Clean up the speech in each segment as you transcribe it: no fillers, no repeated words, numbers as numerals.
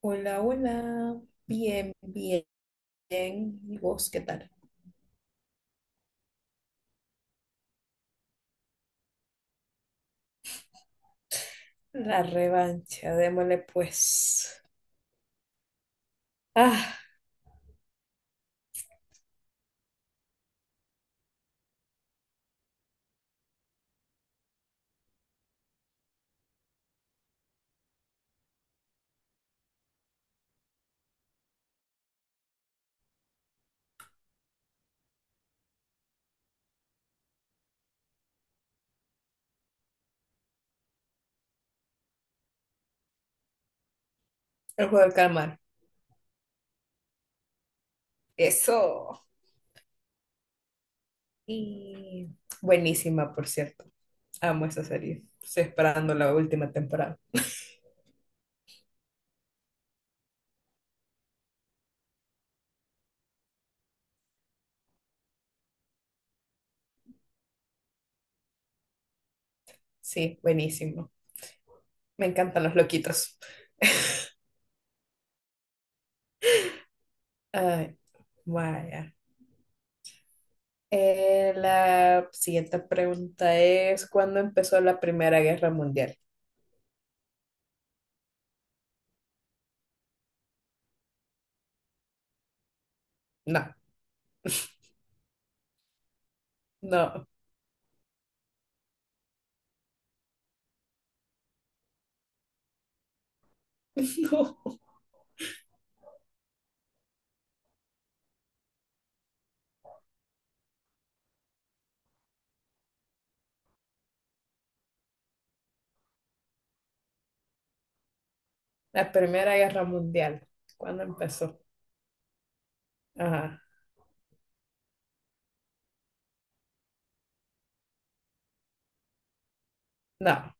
Hola, hola. Bien, bien. ¿Y vos qué tal? La revancha, démosle pues. Ah, el juego del calamar. Eso. Y buenísima, por cierto. Amo esa serie. Estoy esperando la última temporada. Sí, buenísimo. Me encantan los loquitos. Ay, vaya. La siguiente pregunta es, ¿cuándo empezó la Primera Guerra Mundial? No, no, no. La Primera Guerra Mundial, ¿cuándo empezó? Ajá, no,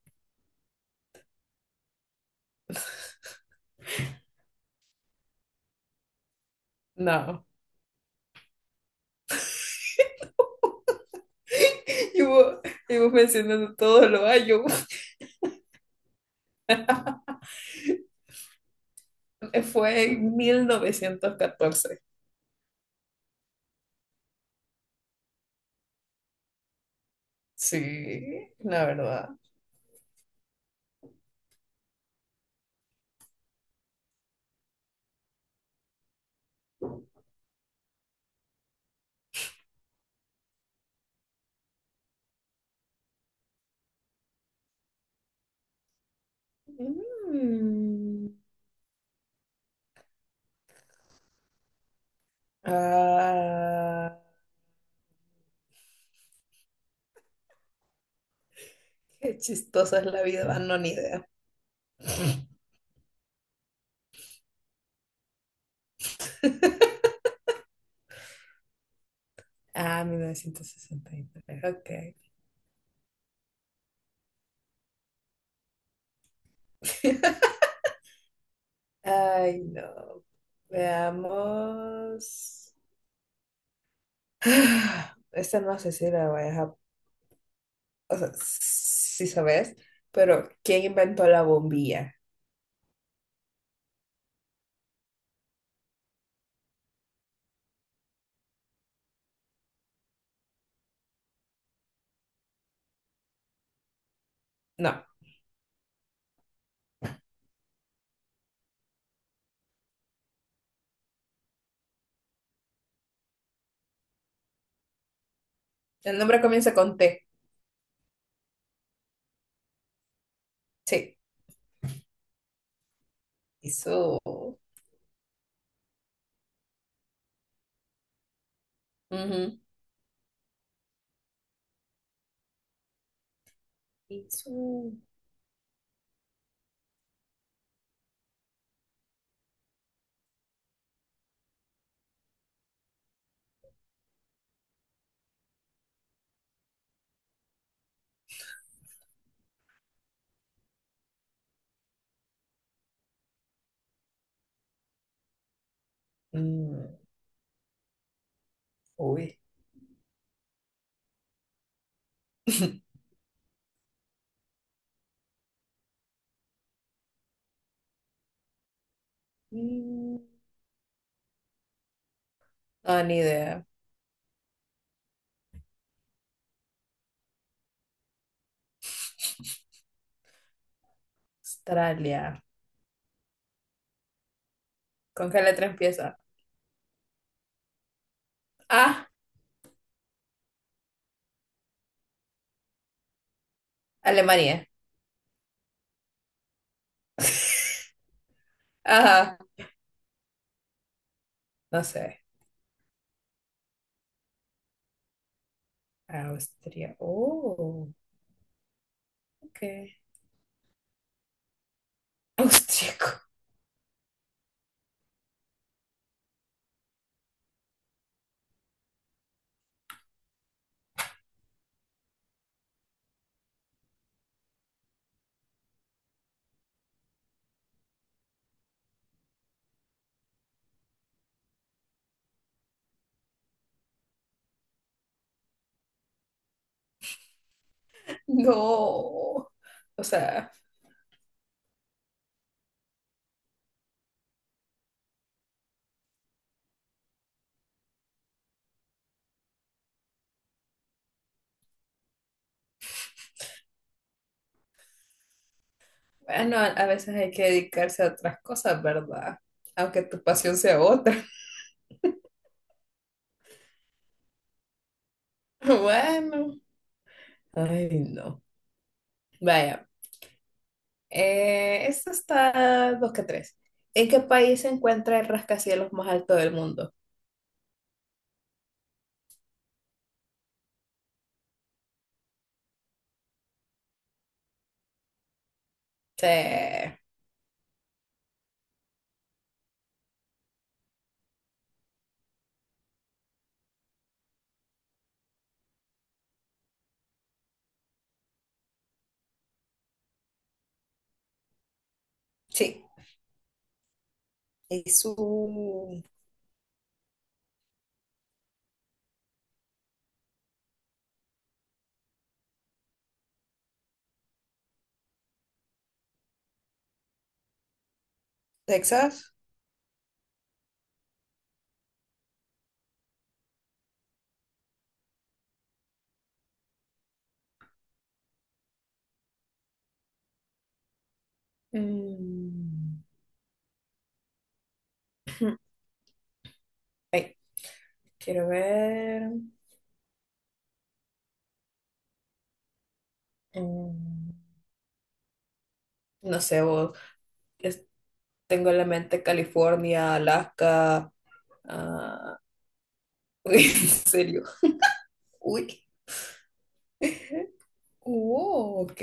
no. Y vos, y vos mencionando todos los años, fue en 1914. Sí, la verdad. Mm. Ah, qué chistosa es la vida, no, ni idea. Ah, 1963, ok. Ay, no. Veamos. Ah, esta no sé si la voy a dejar. O sea, sí sabes, pero ¿quién inventó la bombilla? No. El nombre comienza con T. Sí. Eso. Ujú. Eso. Mm, uy. Mm, no, ni idea. Australia. ¿Con qué letra empieza? Ah, Alemania. Ajá. No sé. Austria. Oh, ok. Austriaco. No. O sea, bueno, a veces hay que dedicarse a otras cosas, ¿verdad? Aunque tu pasión sea otra. Bueno. Ay, no. Vaya. Esto está dos que tres. ¿En qué país se encuentra el rascacielos más alto del mundo? Sí. Sí. ¿Es un Texas? Mm. Ay, quiero ver. Mm. No sé, vos, es- tengo en la mente California, Alaska, ah, uy, en serio. Uy, ok,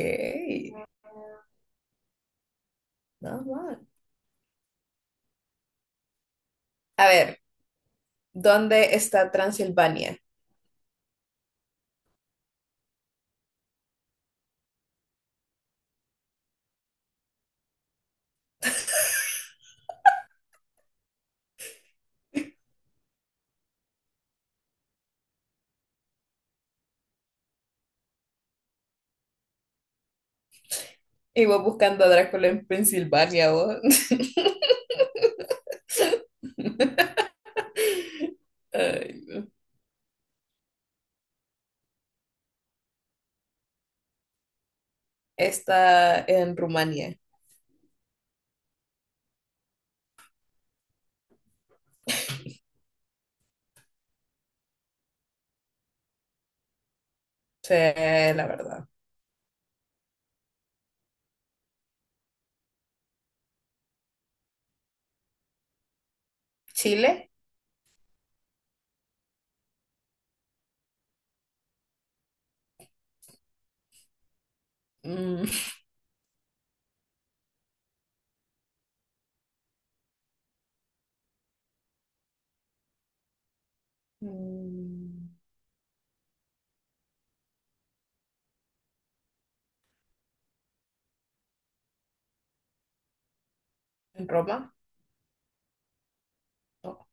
nada mal. A ver, ¿dónde está Transilvania? Y vos buscando a Drácula en Pensilvania, vos. Ay, no. Está en Rumania, sí, la verdad. Chile, mm. Mm. En Roma, no.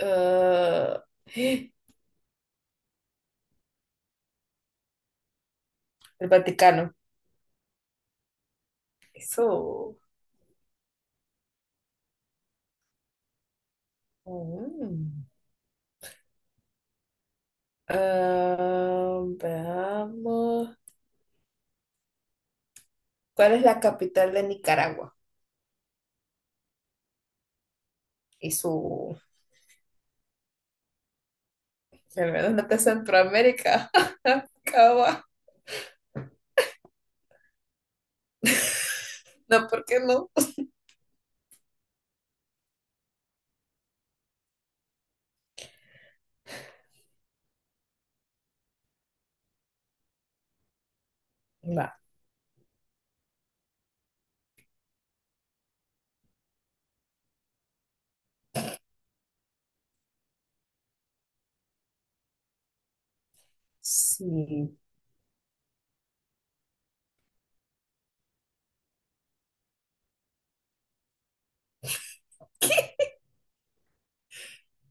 Ah, el Vaticano. Eso. Mm. Ah, veamos. ¿Cuál es la capital de Nicaragua? Y su... Al menos no está Centroamérica. Cava. No, ¿por qué no? Va. Sí.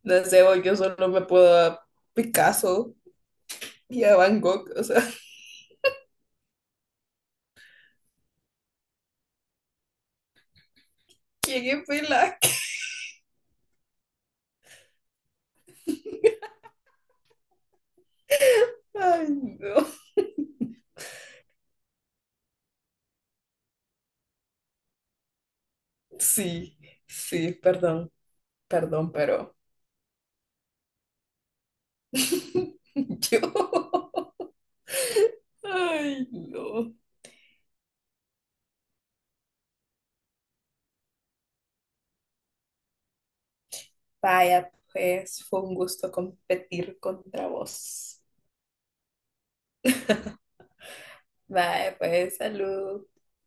No sé, voy, yo solo me puedo a Picasso y a Van Gogh. O sea, ¿quién es Pilac? Ay, no. Sí, sí, perdón, perdón, pero... Yo. Ay, no. Vaya, pues fue un gusto competir contra vos. Vaya, pues salud.